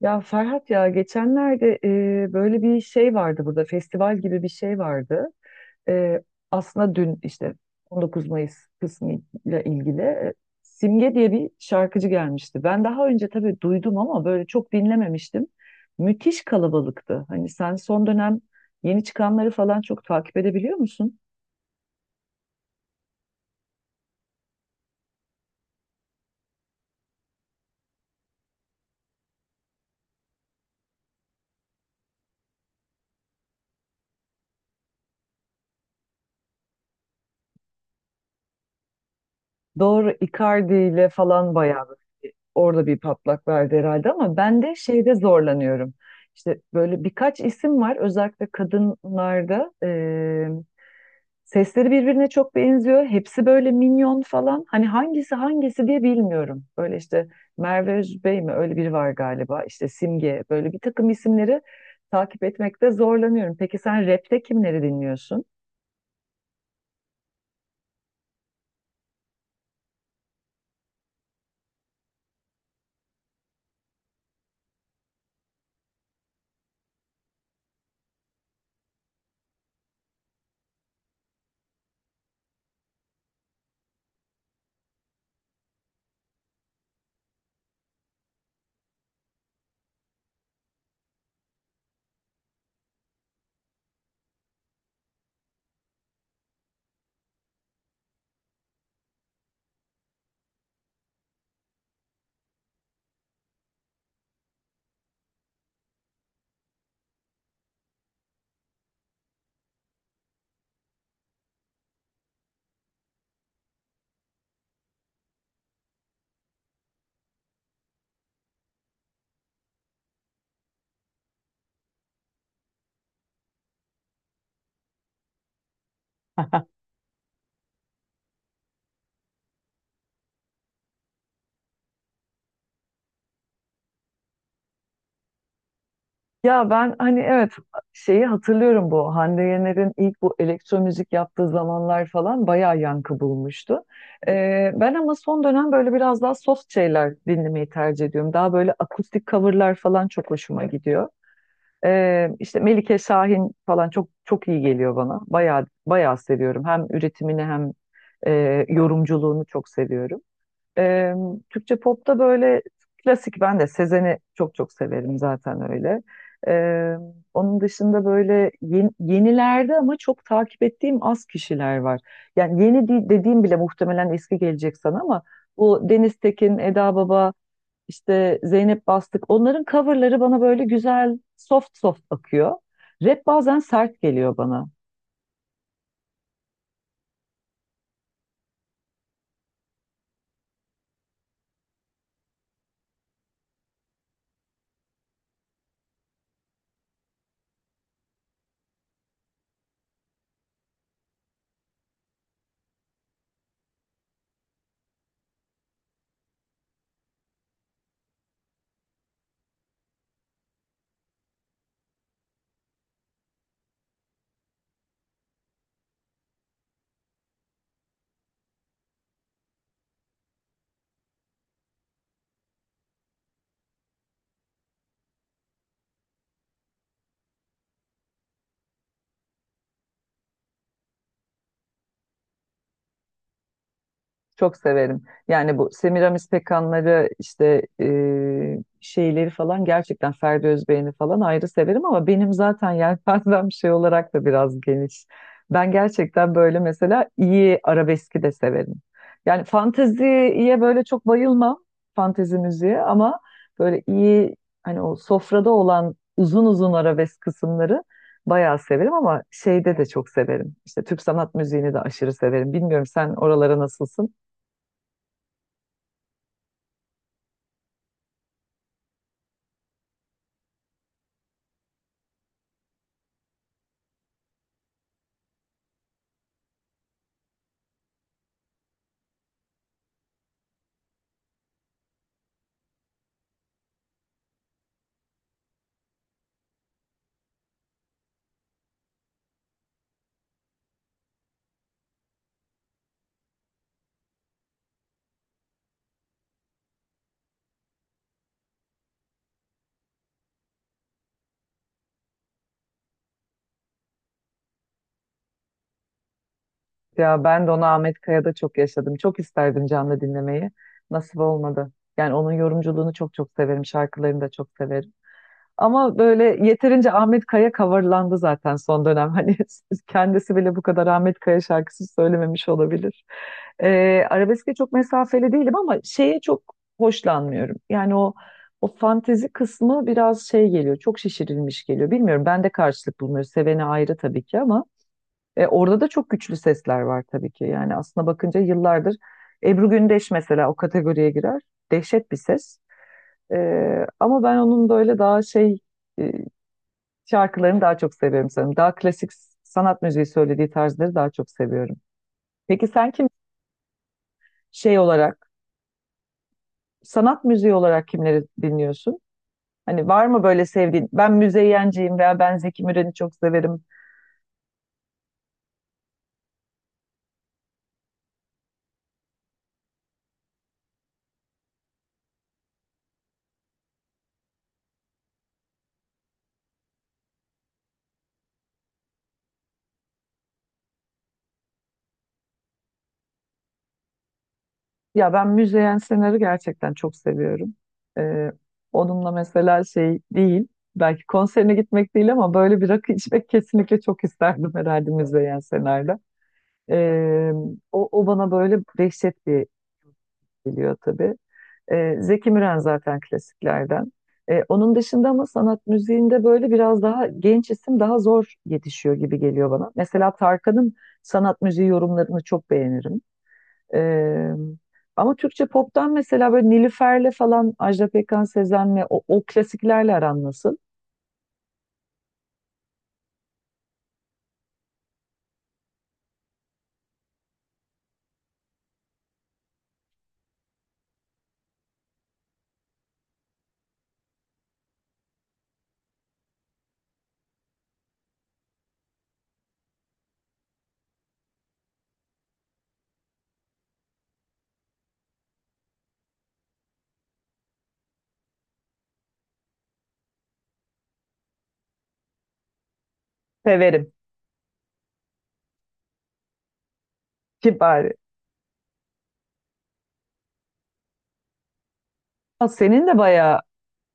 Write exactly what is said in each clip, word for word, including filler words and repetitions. Ya Ferhat ya geçenlerde e, böyle bir şey vardı burada festival gibi bir şey vardı. E, aslında dün işte on dokuz Mayıs kısmıyla ilgili e, Simge diye bir şarkıcı gelmişti. Ben daha önce tabii duydum ama böyle çok dinlememiştim. Müthiş kalabalıktı. Hani sen son dönem yeni çıkanları falan çok takip edebiliyor musun? Doğru, Icardi ile falan bayağı böyle orada bir patlak verdi herhalde ama ben de şeyde zorlanıyorum. İşte böyle birkaç isim var, özellikle kadınlarda sesleri birbirine çok benziyor. Hepsi böyle minyon falan. Hani hangisi hangisi diye bilmiyorum. Böyle işte Merve Özbey mi, öyle biri var galiba. İşte Simge, böyle bir takım isimleri takip etmekte zorlanıyorum. Peki sen rapte kimleri dinliyorsun? Ya ben hani evet, şeyi hatırlıyorum, bu Hande Yener'in ilk bu elektro müzik yaptığı zamanlar falan bayağı yankı bulmuştu. Ee, ben ama son dönem böyle biraz daha soft şeyler dinlemeyi tercih ediyorum. Daha böyle akustik coverlar falan çok hoşuma gidiyor. Ee, işte Melike Şahin falan çok çok iyi geliyor bana. Bayağı bayağı seviyorum. Hem üretimini hem e, yorumculuğunu çok seviyorum. Ee, Türkçe popta böyle klasik, ben de Sezen'i çok çok severim zaten öyle. Ee, onun dışında böyle yeni- yenilerde ama çok takip ettiğim az kişiler var. Yani yeni de- dediğim bile muhtemelen eski gelecek sana ama bu Deniz Tekin, Eda Baba, işte Zeynep Bastık, onların coverları bana böyle güzel soft soft akıyor. Rap bazen sert geliyor bana. Çok severim. Yani bu Semiramis Pekanları işte e, şeyleri falan, gerçekten Ferdi Özbeğen'i falan ayrı severim ama benim zaten yelpazem şey olarak da biraz geniş. Ben gerçekten böyle mesela iyi arabeski de severim. Yani fanteziye böyle çok bayılmam. Fantezi müziğe ama böyle iyi, hani o sofrada olan uzun uzun arabesk kısımları bayağı severim. Ama şeyde de çok severim, İşte Türk sanat müziğini de aşırı severim. Bilmiyorum, sen oralara nasılsın? Ya ben de onu Ahmet Kaya'da çok yaşadım. Çok isterdim canlı dinlemeyi. Nasip olmadı. Yani onun yorumculuğunu çok çok severim. Şarkılarını da çok severim. Ama böyle yeterince Ahmet Kaya coverlandı zaten son dönem. Hani kendisi bile bu kadar Ahmet Kaya şarkısı söylememiş olabilir. Ee, arabeske çok mesafeli değilim ama şeye çok hoşlanmıyorum. Yani o o fantezi kısmı biraz şey geliyor. Çok şişirilmiş geliyor. Bilmiyorum, ben de karşılık bulmuyorum. Seveni ayrı tabii ki ama e, orada da çok güçlü sesler var tabii ki. Yani aslına bakınca yıllardır Ebru Gündeş mesela o kategoriye girer. Dehşet bir ses. E, ama ben onun böyle daha şey e, şarkılarını daha çok seviyorum sanırım. Daha klasik sanat müziği söylediği tarzları daha çok seviyorum. Peki sen kim şey olarak, sanat müziği olarak kimleri dinliyorsun? Hani var mı böyle sevdiğin? Ben Müzeyyenciyim veya ben Zeki Müren'i çok severim. Ya ben Müzeyyen Senar'ı gerçekten çok seviyorum. Ee, onunla mesela şey değil, belki konserine gitmek değil ama böyle bir rakı içmek kesinlikle çok isterdim herhalde Müzeyyen Senar'da. Ee, o, o bana böyle dehşet bir geliyor tabii. E, Zeki Müren zaten klasiklerden. E, onun dışında ama sanat müziğinde böyle biraz daha genç isim daha zor yetişiyor gibi geliyor bana. Mesela Tarkan'ın sanat müziği yorumlarını çok beğenirim. E, ama Türkçe pop'tan mesela böyle Nilüfer'le falan, Ajda Pekkan, Sezen'le o, o klasiklerle aran nasıl? Severim. Kibar. Ha, senin de bayağı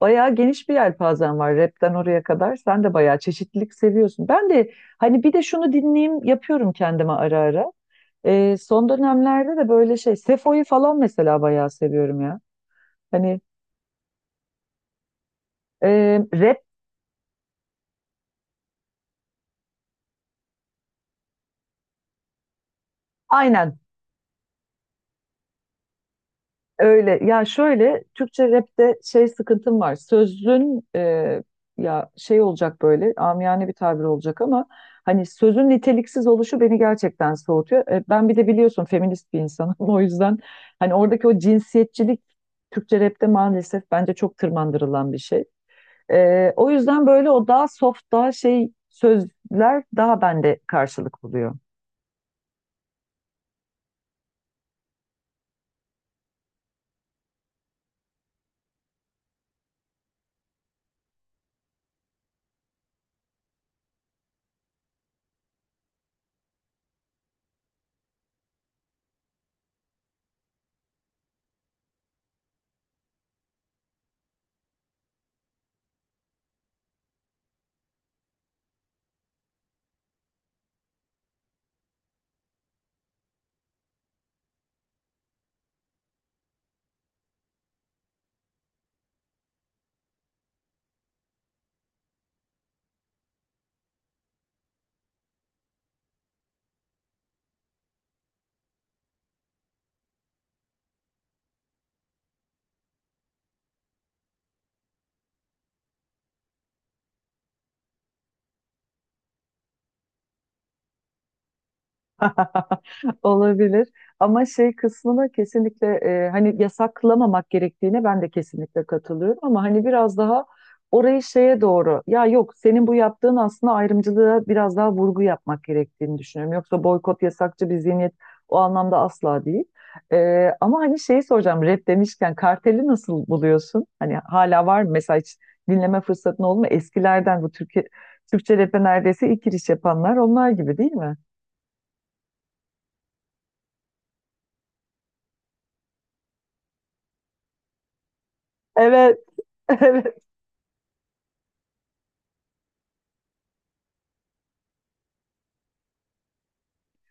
bayağı geniş bir yelpazen var, rapten oraya kadar. Sen de bayağı çeşitlilik seviyorsun. Ben de hani bir de şunu dinleyeyim yapıyorum kendime ara ara. Ee, son dönemlerde de böyle şey Sefo'yu falan mesela bayağı seviyorum ya. Hani e, rap aynen. Öyle ya, şöyle Türkçe rapte şey sıkıntım var. Sözün e, ya şey olacak, böyle amiyane bir tabir olacak ama hani sözün niteliksiz oluşu beni gerçekten soğutuyor. E, ben bir de biliyorsun feminist bir insanım o yüzden hani oradaki o cinsiyetçilik Türkçe rapte maalesef bence çok tırmandırılan bir şey. E, o yüzden böyle o daha soft daha şey sözler daha bende karşılık buluyor. Olabilir. Ama şey kısmına kesinlikle e, hani yasaklamamak gerektiğine ben de kesinlikle katılıyorum ama hani biraz daha orayı şeye doğru, ya yok, senin bu yaptığın aslında ayrımcılığa biraz daha vurgu yapmak gerektiğini düşünüyorum. Yoksa boykot yasakçı bir zihniyet o anlamda asla değil. E, ama hani şeyi soracağım, rap demişken karteli nasıl buluyorsun? Hani hala var mı? Mesela hiç dinleme fırsatın oldu mu? Eskilerden, bu Türkiye, Türkçe rap'e neredeyse ilk giriş yapanlar onlar, gibi değil mi? Evet. Evet,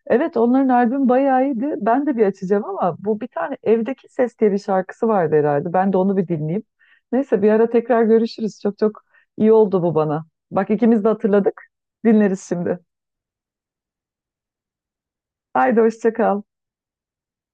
evet, onların albüm bayağı iyiydi. Ben de bir açacağım ama bu bir tane Evdeki Ses diye bir şarkısı vardı herhalde. Ben de onu bir dinleyeyim. Neyse, bir ara tekrar görüşürüz. Çok çok iyi oldu bu bana. Bak ikimiz de hatırladık. Dinleriz şimdi. Haydi hoşça kal.